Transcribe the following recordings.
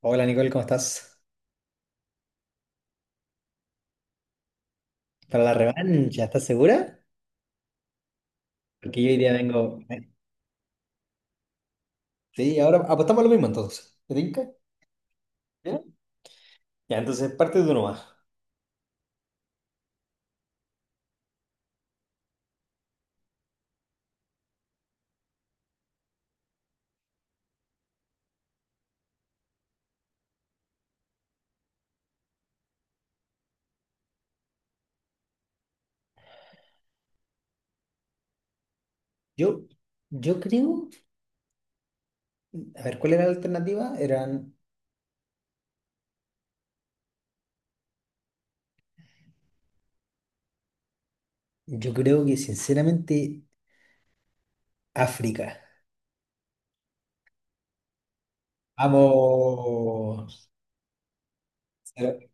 Hola Nicole, ¿cómo estás? Para la revancha, ¿estás segura? Porque yo hoy día vengo. ¿Eh? Sí, ahora apostamos lo mismo entonces. ¿Te tinca? ¿Ya? Ya, entonces parte de uno más. Yo, yo creo. A ver, ¿cuál era la alternativa? Eran. Yo creo que sinceramente África. Vamos. Pero-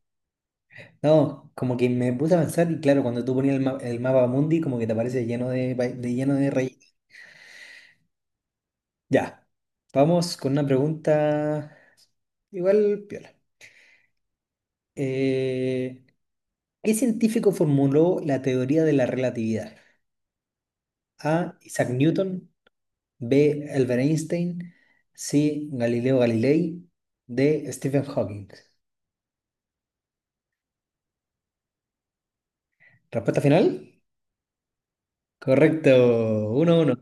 No, como que me puse a pensar y claro, cuando tú ponías el mapa mundi, como que te aparece lleno de lleno de rayitas. Ya. Vamos con una pregunta igual piola. Eh, ¿Qué científico formuló la teoría de la relatividad? A. Isaac Newton. B. Albert Einstein. C. Galileo Galilei. D. Stephen Hawking. ¿Respuesta final? Correcto. 1-1.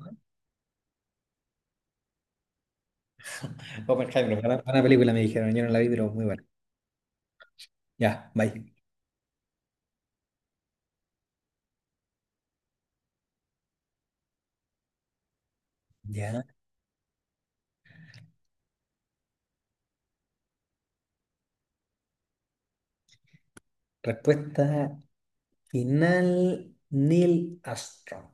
Oppenheimer, buena, buena película me dijeron. Yo no la vi, pero muy buena. Ya, bye. Ya. Respuesta final, Neil Armstrong.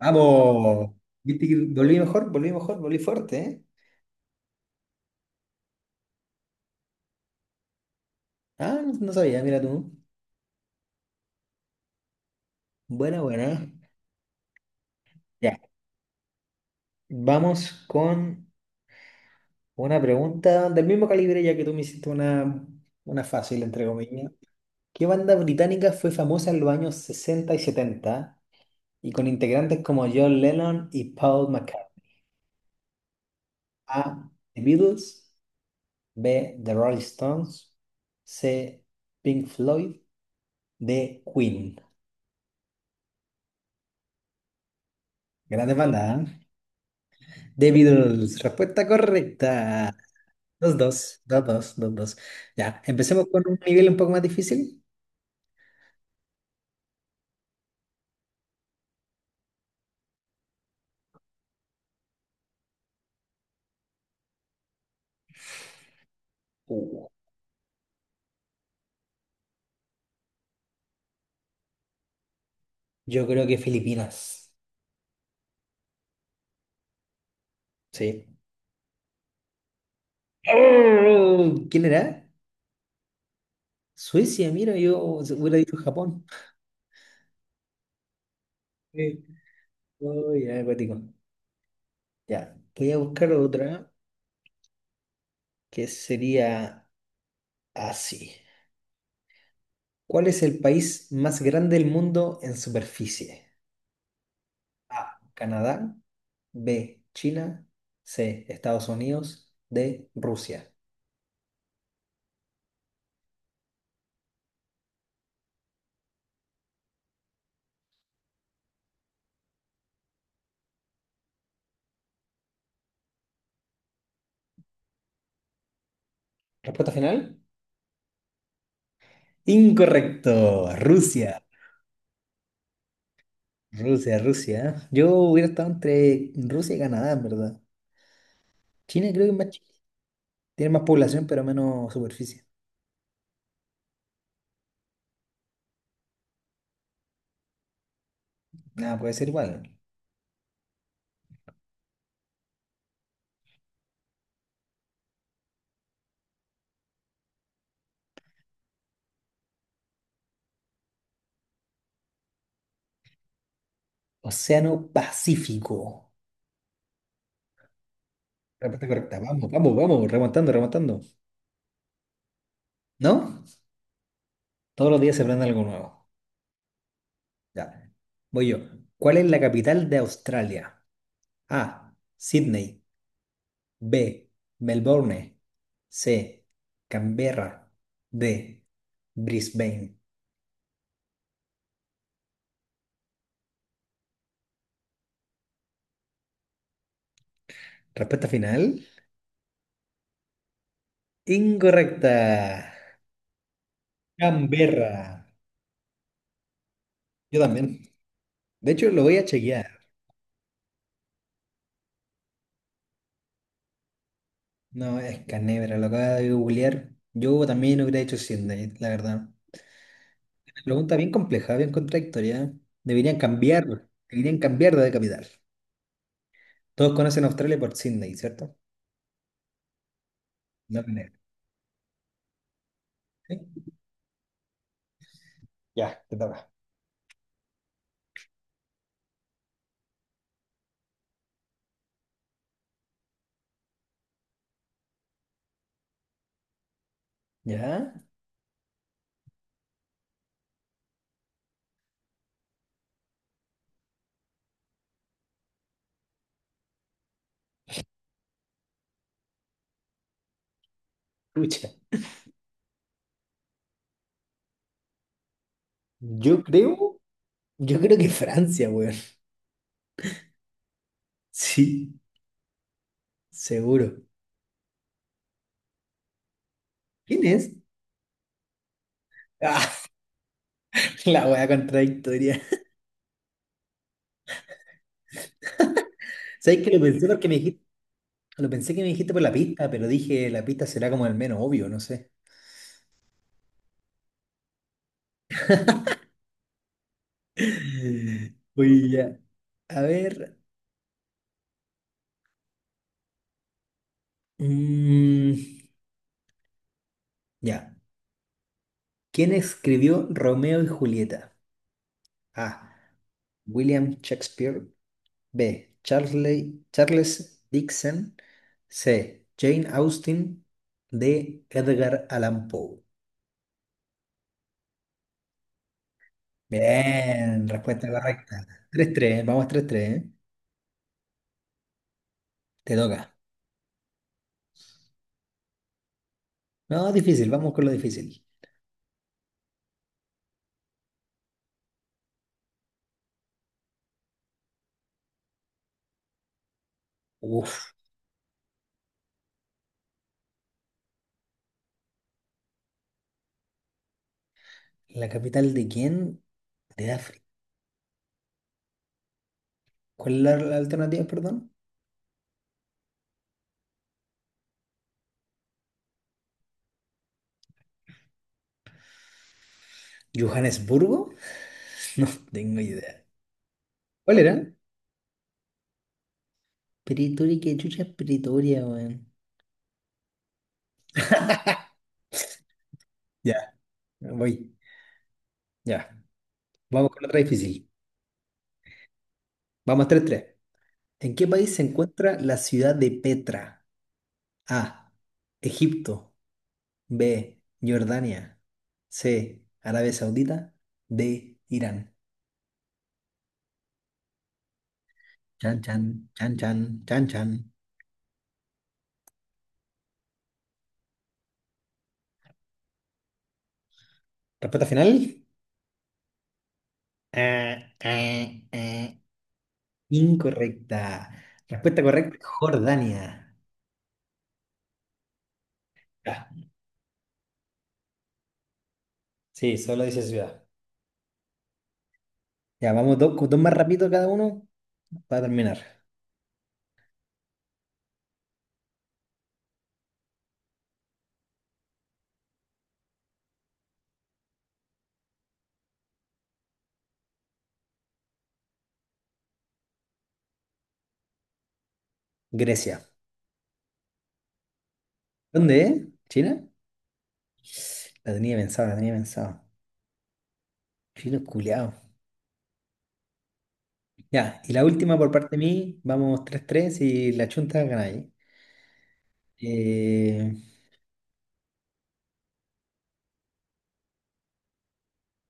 ¡Vamos! ¿Viste que volví mejor? Volví mejor, volví fuerte, ¿eh? Ah, no sabía, mira tú. Buena, buena. Ya, vamos con una pregunta del mismo calibre, ya que tú me hiciste una fácil, entre comillas. ¿Qué banda británica fue famosa en los años 60 y 70 y con integrantes como John Lennon y Paul McCartney? A. The Beatles. B. The Rolling Stones. C. Pink Floyd. D. Queen. Grandes bandas, ¿eh? The Beatles. Respuesta correcta. Dos, dos, dos, dos, dos, dos. Ya, empecemos con un nivel un poco más difícil. Uh, Yo creo que Filipinas. Sí. ¡Oh! ¿Quién era? Suecia, mira, yo hubiera dicho Japón. Eh, oh, ya, acuático. Ya, voy a buscar otra que sería así. ¿Cuál es el país más grande del mundo en superficie? A. Canadá. B. China. C. Estados Unidos. D. Rusia. ¿Respuesta final? Incorrecto. Rusia. Rusia, Rusia. Yo hubiera estado entre Rusia y Canadá, en verdad. China creo que es más chiquita. Tiene más población, pero menos superficie. Nada, puede ser igual. Océano Pacífico. Respuesta correcta. Vamos, vamos, vamos. Remontando, remontando. ¿No? Todos los días se aprende algo nuevo. Ya. Voy yo. ¿Cuál es la capital de Australia? A. Sydney. B. Melbourne. C. Canberra. D. Brisbane. Respuesta final. Incorrecta. Canberra. Yo también. De hecho, lo voy a chequear. No, es Canebra, lo acaba de googlear. Yo también lo hubiera hecho Sydney, la verdad. Pregunta bien compleja, bien contradictoria. Deberían cambiar de capital. Todos conocen a Australia por Sydney, ¿cierto? No Canebra. ¿Sí? Ya, te toca. ¿Ya? Escucha. Yo creo, yo creo que Francia, weón. Sí, seguro. ¿Quién es? Ah, la wea contradictoria. ¿Sabes que lo pensé porque me dijiste, lo pensé que me dijiste por la pista, pero dije la pista será como el menos obvio, no sé. Oye, ya. A ver, mm, ya. ¿Quién escribió Romeo y Julieta? A. William Shakespeare. B. Charles Dixon. C. Jane Austen. D. Edgar Allan Poe. Bien, respuesta correcta. 3-3, vamos 3-3. ¿Eh? Te toca. No, difícil, vamos con lo difícil. Uf, ¿la capital de quién? De África. ¿Cuál es la alternativa, perdón? ¿Johannesburgo? No tengo idea. ¿Cuál era? Pretoria, ¿qué chucha es Pretoria, weón? Ya, voy. Ya. Vamos con otra difícil. Vamos tres tres. ¿En qué país se encuentra la ciudad de Petra? A. Egipto. B. Jordania. C. Arabia Saudita. D. Irán. Chan, chan, chan, chan, chan, chan. ¿Respuesta final? Ah, ah, ah. Incorrecta. Respuesta correcta, Jordania. Ya, sí, solo dice ciudad. Ya, vamos dos, dos más rápido cada uno para terminar. Grecia. ¿Dónde es? ¿China? La tenía pensada, la tenía pensada. Chino culiao. Ya, y la última por parte de mí, vamos tres tres y la chunta gana ahí. Eh,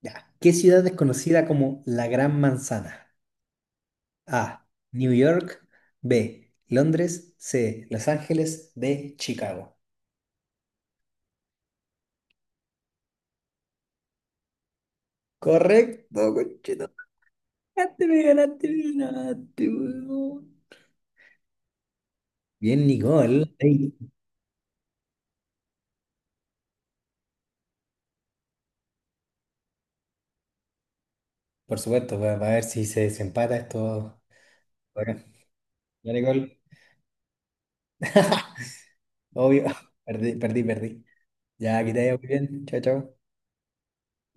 ya. ¿Qué ciudad es conocida como la Gran Manzana? A. New York. B. Londres. C. Los Ángeles. D. Chicago. Correcto, conchito. Ganaste, me ganaste, me ganaste, weón. Bien, Nicole. Ey, por supuesto, va a ver si se desempata esto. Bueno, ya, Nicole. Obvio. Perdí, perdí, perdí. Ya, que te vaya muy bien. Chao, chao.